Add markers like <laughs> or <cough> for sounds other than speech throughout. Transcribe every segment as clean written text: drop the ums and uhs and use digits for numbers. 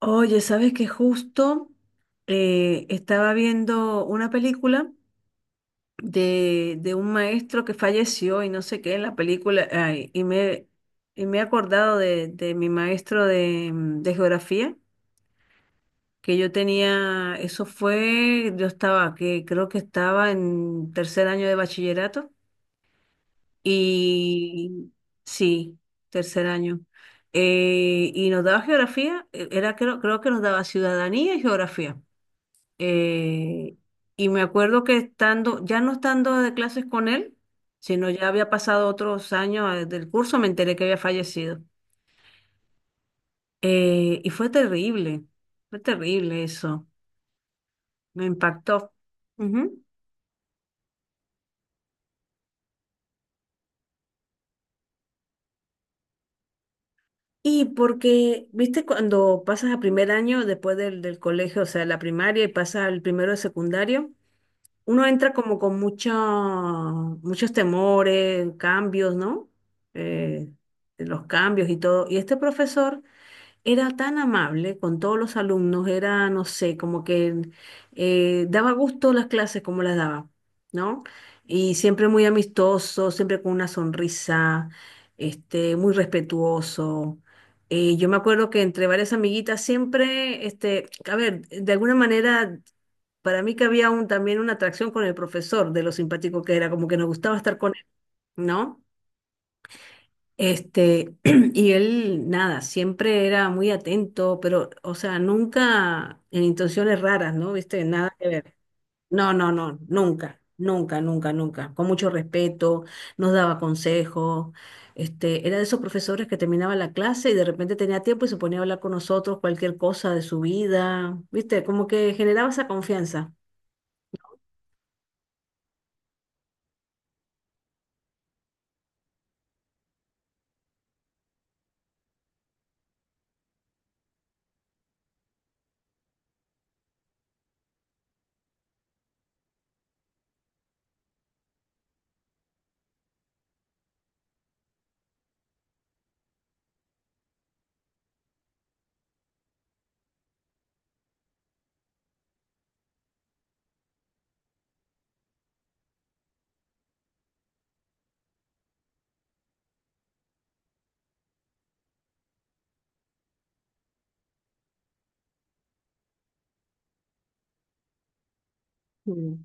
Oye, ¿sabes que justo estaba viendo una película de un maestro que falleció y no sé qué en la película, ay, y me he acordado de mi maestro de geografía, que yo tenía, eso fue, yo estaba, que creo que estaba en tercer año de bachillerato, y sí, tercer año. Y nos daba geografía, era creo que nos daba ciudadanía y geografía. Eh, y me acuerdo que estando, ya no estando de clases con él, sino ya había pasado otros años del curso, me enteré que había fallecido. Y fue terrible eso, me impactó. Ujú. Y porque, viste, cuando pasas a primer año después del colegio, o sea, la primaria y pasas al primero de secundario, uno entra como con mucho, muchos temores, cambios, ¿no? Eh, los cambios y todo. Y este profesor era tan amable con todos los alumnos, era, no sé, como que daba gusto las clases como las daba, ¿no? Y siempre muy amistoso, siempre con una sonrisa, este, muy respetuoso. Yo me acuerdo que entre varias amiguitas siempre, este, a ver, de alguna manera, para mí que había un, también una atracción con el profesor, de lo simpático que era, como que nos gustaba estar con él, ¿no? Este, <clears throat> y él, nada, siempre era muy atento, pero, o sea, nunca en intenciones raras, ¿no? ¿Viste? Nada que ver. No, no, no, nunca, nunca, nunca, nunca. Con mucho respeto, nos daba consejos. Este, era de esos profesores que terminaba la clase y de repente tenía tiempo y se ponía a hablar con nosotros cualquier cosa de su vida, ¿viste? Como que generaba esa confianza. Mm.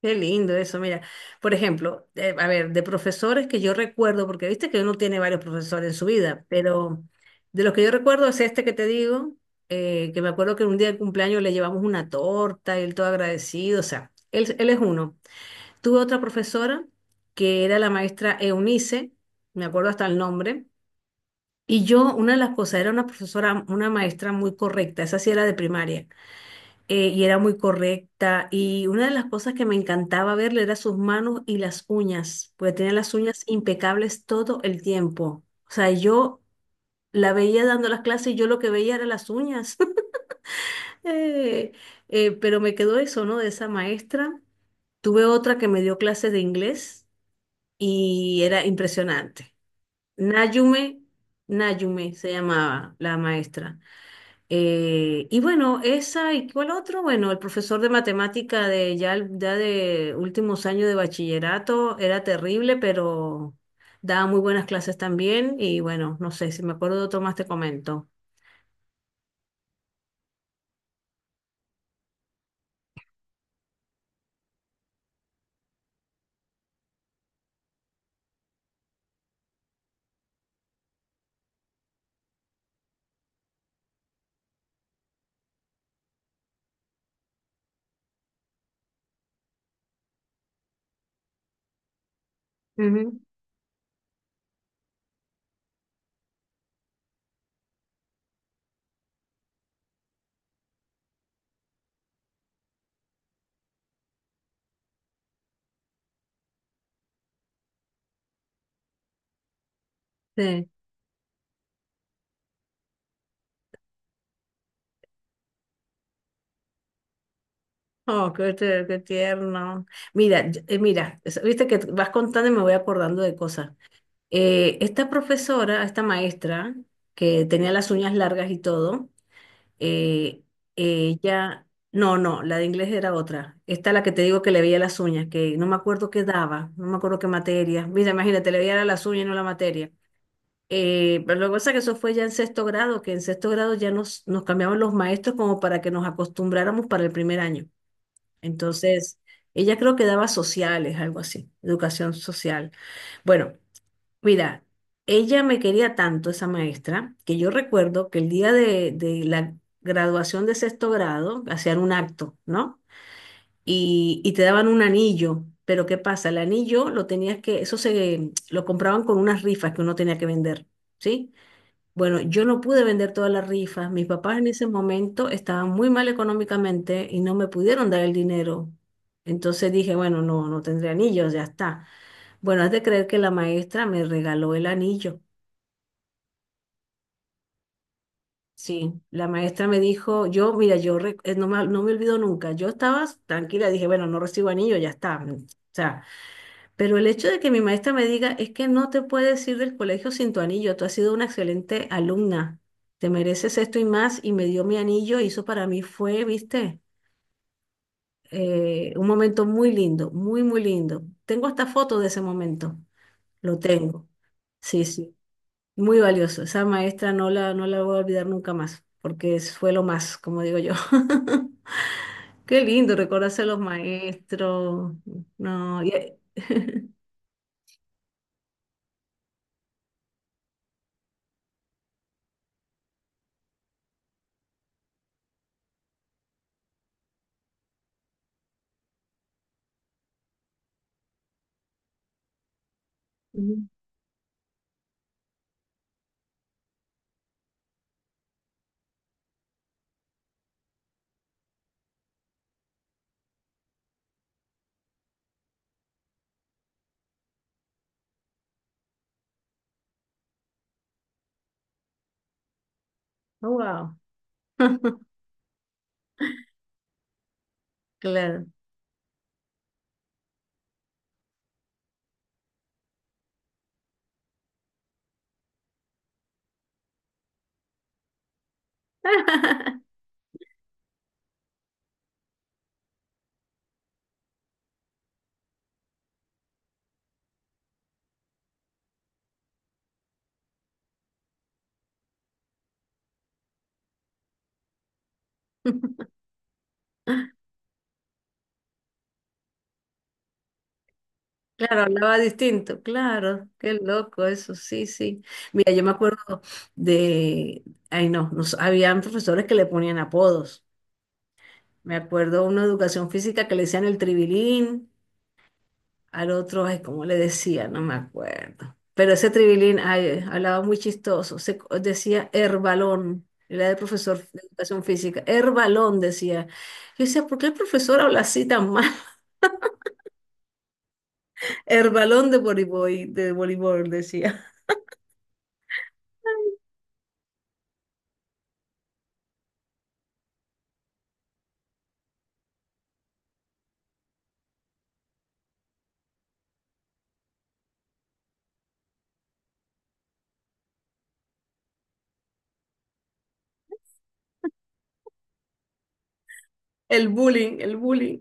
Qué lindo eso, mira. Por ejemplo, a ver, de profesores que yo recuerdo, porque viste que uno tiene varios profesores en su vida, pero de los que yo recuerdo es este que te digo, que me acuerdo que un día de cumpleaños le llevamos una torta y él todo agradecido, o sea, él es uno. Tuve otra profesora que era la maestra Eunice, me acuerdo hasta el nombre, y yo, una de las cosas, era una profesora, una maestra muy correcta, esa sí era de primaria y era muy correcta. Y una de las cosas que me encantaba verle era sus manos y las uñas, porque tenía las uñas impecables todo el tiempo. O sea, yo la veía dando las clases y yo lo que veía era las uñas. <laughs> Eh, pero me quedó eso, ¿no? De esa maestra. Tuve otra que me dio clases de inglés y era impresionante. Nayume, Nayume se llamaba la maestra. Y bueno, esa y cuál otro, bueno, el profesor de matemática de ya, ya de últimos años de bachillerato era terrible, pero daba muy buenas clases también. Y bueno, no sé, si me acuerdo de otro más te comento. Ujú. Sí. Oh, qué, qué tierno. Mira, mira, viste que vas contando y me voy acordando de cosas. Esta profesora, esta maestra, que tenía las uñas largas y todo. eh, Ella, no, no, la de inglés era otra. Esta la que te digo que le veía las uñas, que no me acuerdo qué daba, no me acuerdo qué materia. Mira, imagínate, le veía las uñas y no la materia. Pero lo que pasa es que eso fue ya en sexto grado, que en sexto grado ya nos cambiaban los maestros como para que nos acostumbráramos para el primer año. Entonces, ella creo que daba sociales, algo así, educación social. Bueno, mira, ella me quería tanto, esa maestra, que yo recuerdo que el día de la graduación de sexto grado hacían un acto, ¿no? Y te daban un anillo, pero ¿qué pasa? El anillo lo tenías que, eso se lo compraban con unas rifas que uno tenía que vender, ¿sí? Bueno, yo no pude vender todas las rifas. Mis papás en ese momento estaban muy mal económicamente y no me pudieron dar el dinero. Entonces dije, bueno, no, no tendré anillos, ya está. Bueno, has de creer que la maestra me regaló el anillo. Sí, la maestra me dijo, yo, mira, no me, no me olvido nunca. Yo estaba tranquila, dije, bueno, no recibo anillo, ya está. O sea, pero el hecho de que mi maestra me diga es que no te puedes ir del colegio sin tu anillo, tú has sido una excelente alumna, te mereces esto y más, y me dio mi anillo, y eso para mí fue, viste, un momento muy lindo, muy, muy lindo. Tengo hasta fotos de ese momento, lo tengo. Sí, sí, muy valioso. Esa maestra no la voy a olvidar nunca más, porque fue lo más, como digo yo. <laughs> Qué lindo recordarse a los maestros. No, ujú. Oh, wow. <laughs> Claro. <laughs> Claro, hablaba distinto, claro, qué loco eso, sí, sí. Mira, yo me acuerdo de, ay no, nos, habían profesores que le ponían apodos. Me acuerdo una educación física que le decían el tribilín, al otro, ay, ¿cómo le decía? No me acuerdo. Pero ese tribilín, ay, hablaba muy chistoso, decía herbalón, era el profesor de educación física, herbalón decía. Yo decía, ¿por qué el profesor habla así tan mal? El balón de voleibol, decía. El bullying, el bullying.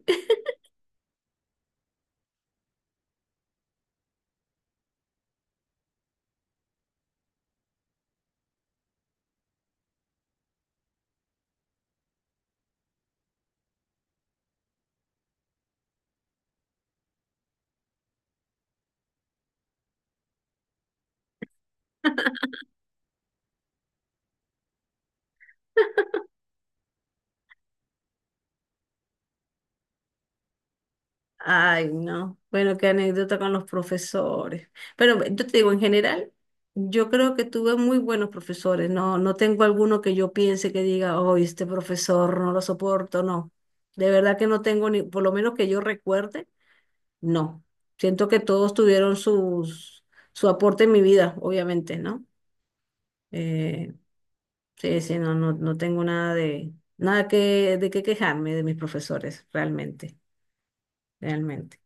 Ay, no. Bueno, qué anécdota con los profesores. Pero yo te digo, en general, yo creo que tuve muy buenos profesores. No, no tengo alguno que yo piense que diga, oh, este profesor no lo soporto. No. De verdad que no tengo ni, por lo menos que yo recuerde, no. Siento que todos tuvieron sus, su aporte en mi vida, obviamente, ¿no? Eh, Sí, sí, no, no, no tengo nada de, nada que, de qué quejarme de mis profesores, realmente, realmente.